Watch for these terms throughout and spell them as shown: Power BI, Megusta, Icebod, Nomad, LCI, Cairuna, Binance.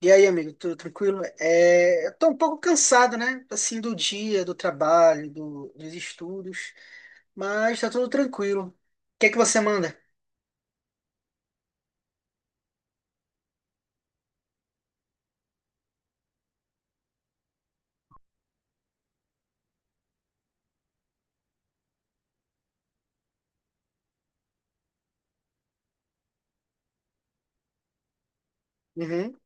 E aí, amigo, tudo tranquilo? É, eu tô um pouco cansado, né? Assim, do dia, do trabalho, dos estudos, mas tá tudo tranquilo. O que é que você manda? Uhum,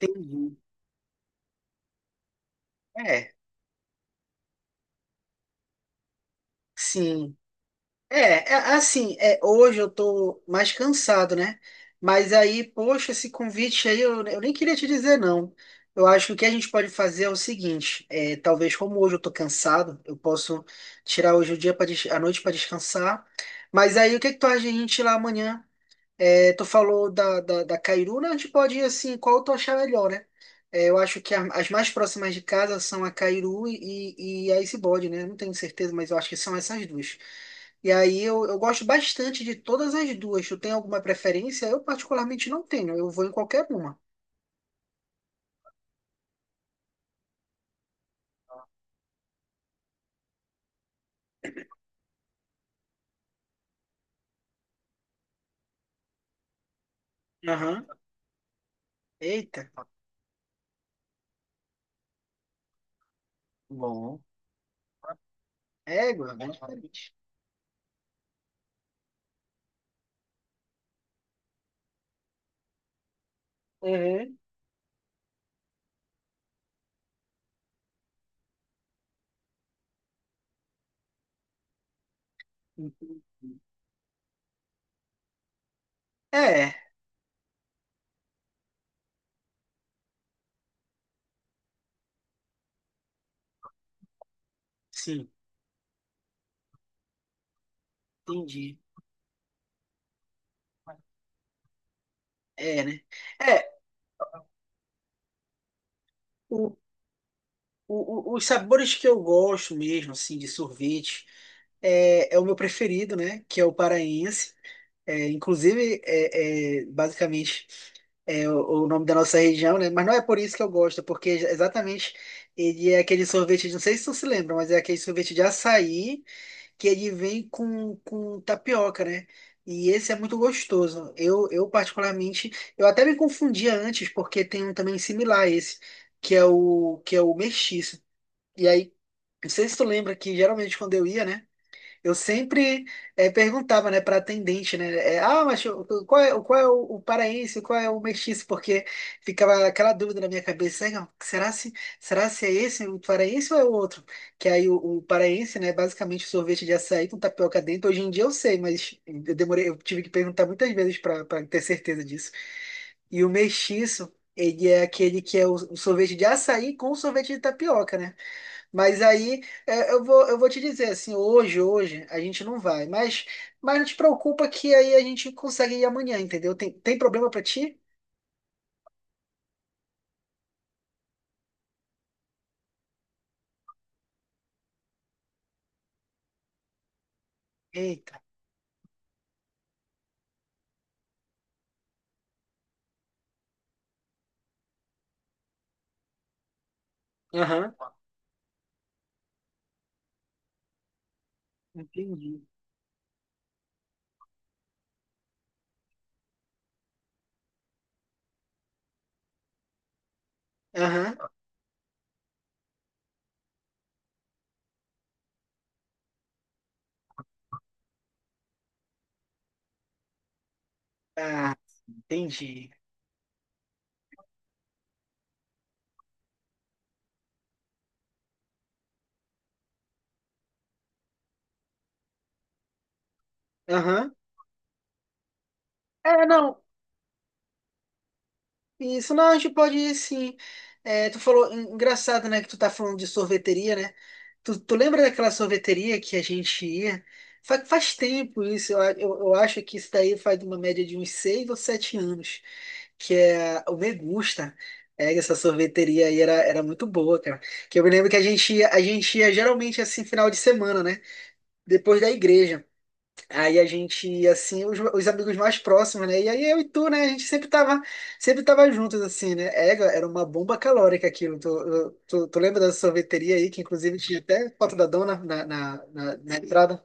entendi. É, sim. É, é, assim, é, hoje eu tô mais cansado, né? Mas aí, poxa, esse convite aí eu nem queria te dizer, não. Eu acho que o que a gente pode fazer é o seguinte: é, talvez, como hoje eu tô cansado, eu posso tirar hoje o dia para a noite para descansar. Mas aí, o que que tu acha de a gente ir lá amanhã? É, tu falou da Cairuna, a gente pode ir assim, qual tu achar melhor, né? É, eu acho que as mais próximas de casa são a Cairu e a Icebod, né? Não tenho certeza, mas eu acho que são essas duas. E aí eu gosto bastante de todas as duas. Tu tem alguma preferência? Eu particularmente não tenho, eu vou em qualquer uma. Aham. Eita. Bom, égua, bem diferente. Uhum. É, sim, entendi. É, né? É. Os sabores que eu gosto mesmo, assim, de sorvete, é, é o meu preferido, né? Que é o paraense. É, inclusive, é, é, basicamente, é o nome da nossa região, né? Mas não é por isso que eu gosto, é porque exatamente ele é aquele sorvete, não sei se tu se lembra, mas é aquele sorvete de açaí que ele vem com tapioca, né? E esse é muito gostoso. Eu particularmente, eu até me confundia antes, porque tem um também similar a esse, que é o mestiço. E aí, não sei se tu lembra que geralmente quando eu ia, né? Eu sempre perguntava, né, para atendente, né? Ah, mas qual é, qual é o paraense, qual é o mestiço? Porque ficava aquela dúvida na minha cabeça, "Ah, será se é esse o paraense ou é o outro? Que aí o paraense, né, basicamente sorvete de açaí com tapioca dentro. Hoje em dia eu sei, mas eu demorei, eu tive que perguntar muitas vezes para ter certeza disso. E o mestiço, ele é aquele que é o sorvete de açaí com sorvete de tapioca, né? Mas aí é, eu vou te dizer assim, hoje a gente não vai, mas não te preocupa que aí a gente consegue ir amanhã, entendeu? Tem problema pra ti? Eita. Aham. Entendi. Aham, entendi. Aham. É, não. Isso, não, a gente pode ir sim. É, tu falou, engraçado, né, que tu tá falando de sorveteria, né? Tu lembra daquela sorveteria que a gente ia? Faz, tempo isso, eu acho que isso daí faz uma média de uns 6 ou 7 anos, que é o Megusta. É, essa sorveteria aí era muito boa, cara. Que eu me lembro que a gente ia geralmente assim, final de semana, né? Depois da igreja. Aí a gente ia assim, os amigos mais próximos, né? E aí eu e tu, né? A gente sempre tava juntos, assim, né? É, era uma bomba calórica aquilo. Tu lembra dessa sorveteria aí, que inclusive tinha até foto da dona na entrada?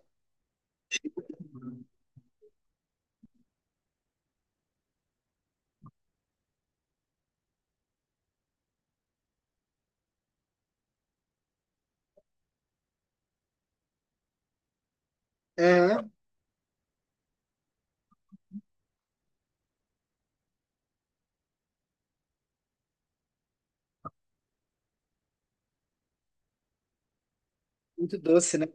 Aham. Muito doce, né?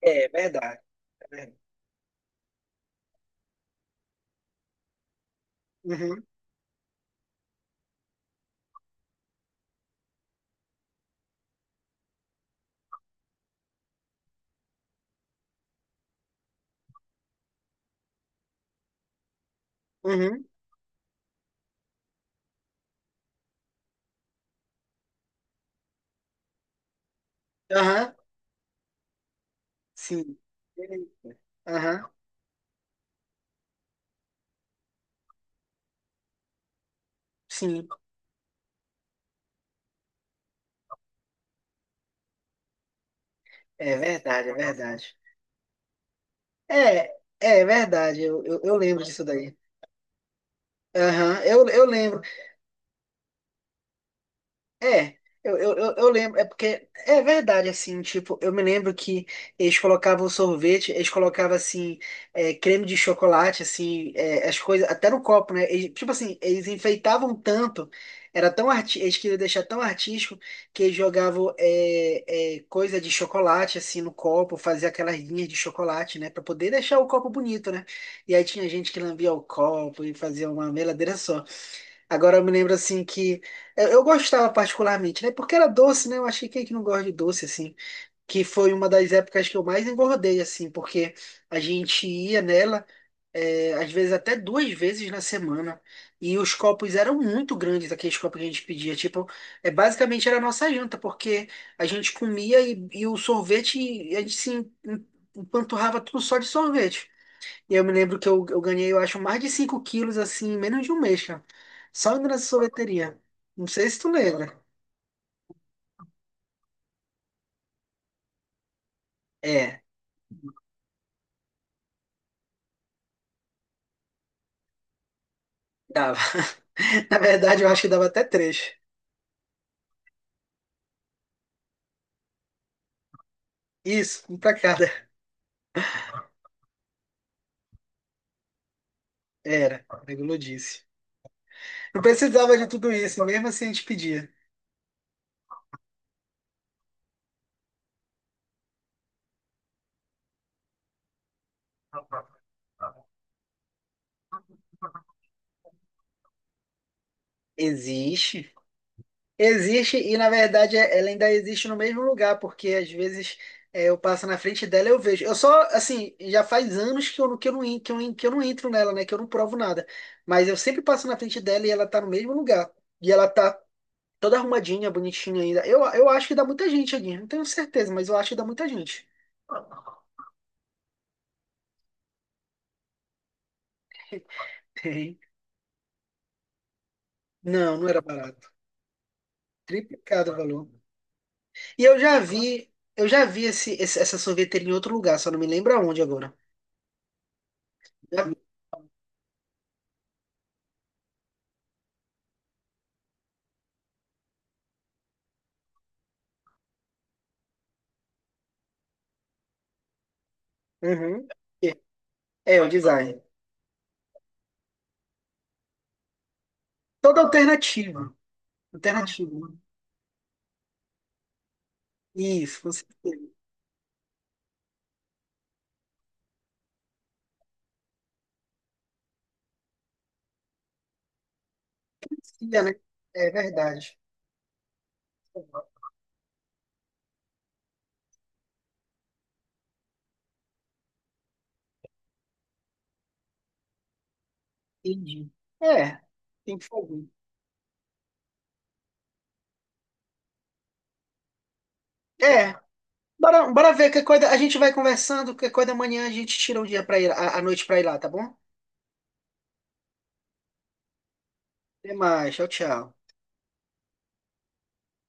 É, verdade. É verdade. Uhum, uhum, aham, sim. Delícia. Aham, sim. É verdade, é verdade. É, é verdade, eu lembro disso daí. Aham, eu lembro. É, eu lembro, é porque é verdade, assim, tipo, eu me lembro que eles colocavam sorvete, eles colocavam, assim, é, creme de chocolate, assim, é, as coisas, até no copo, né? Tipo assim, eles enfeitavam tanto, era tão arti eles queriam deixar tão artístico que eles jogavam coisa de chocolate, assim, no copo, fazia aquelas linhas de chocolate, né? Pra poder deixar o copo bonito, né? E aí tinha gente que lambia o copo e fazia uma meladeira só. Agora eu me lembro assim que eu gostava particularmente, né? Porque era doce, né? Eu acho que quem é que não gosta de doce assim, que foi uma das épocas que eu mais engordei assim, porque a gente ia nela é, às vezes até duas vezes na semana e os copos eram muito grandes, aqueles copos que a gente pedia, tipo, é basicamente era a nossa janta, porque a gente comia e o sorvete a gente se empanturrava tudo só de sorvete. E eu me lembro que eu ganhei, eu acho, mais de 5 quilos, assim, em menos de um mês, cara. Só indo nessa sorveteria. Não sei se tu lembra. É, dava. Na verdade, eu acho que dava até três. Isso, um pra cada. Era, como eu disse. Não precisava de tudo isso, mesmo assim a gente pedia. Existe. Existe, e na verdade ela ainda existe no mesmo lugar, porque às vezes eu passo na frente dela e eu vejo. Eu só, assim, já faz anos que eu, não- que eu não entro nela, né? Que eu não provo nada. Mas eu sempre passo na frente dela e ela tá no mesmo lugar. E ela tá toda arrumadinha, bonitinha ainda. Eu acho que dá muita gente aqui, não tenho certeza, mas eu acho que dá muita gente. Tem. Não, não era barato. Triplicado o valor. E eu já vi esse, essa sorveteria em outro lugar, só não me lembro aonde agora. Uhum. É, é o design. Toda alternativa. Alternativa, né? Isso, com certeza. Se é, né? É verdade. Entendi. É, tem que fazer. É, bora, bora ver que coisa. A gente vai conversando, que coisa da manhã a gente tira um dia para ir, a noite para ir lá, tá bom? Até mais, tchau, tchau.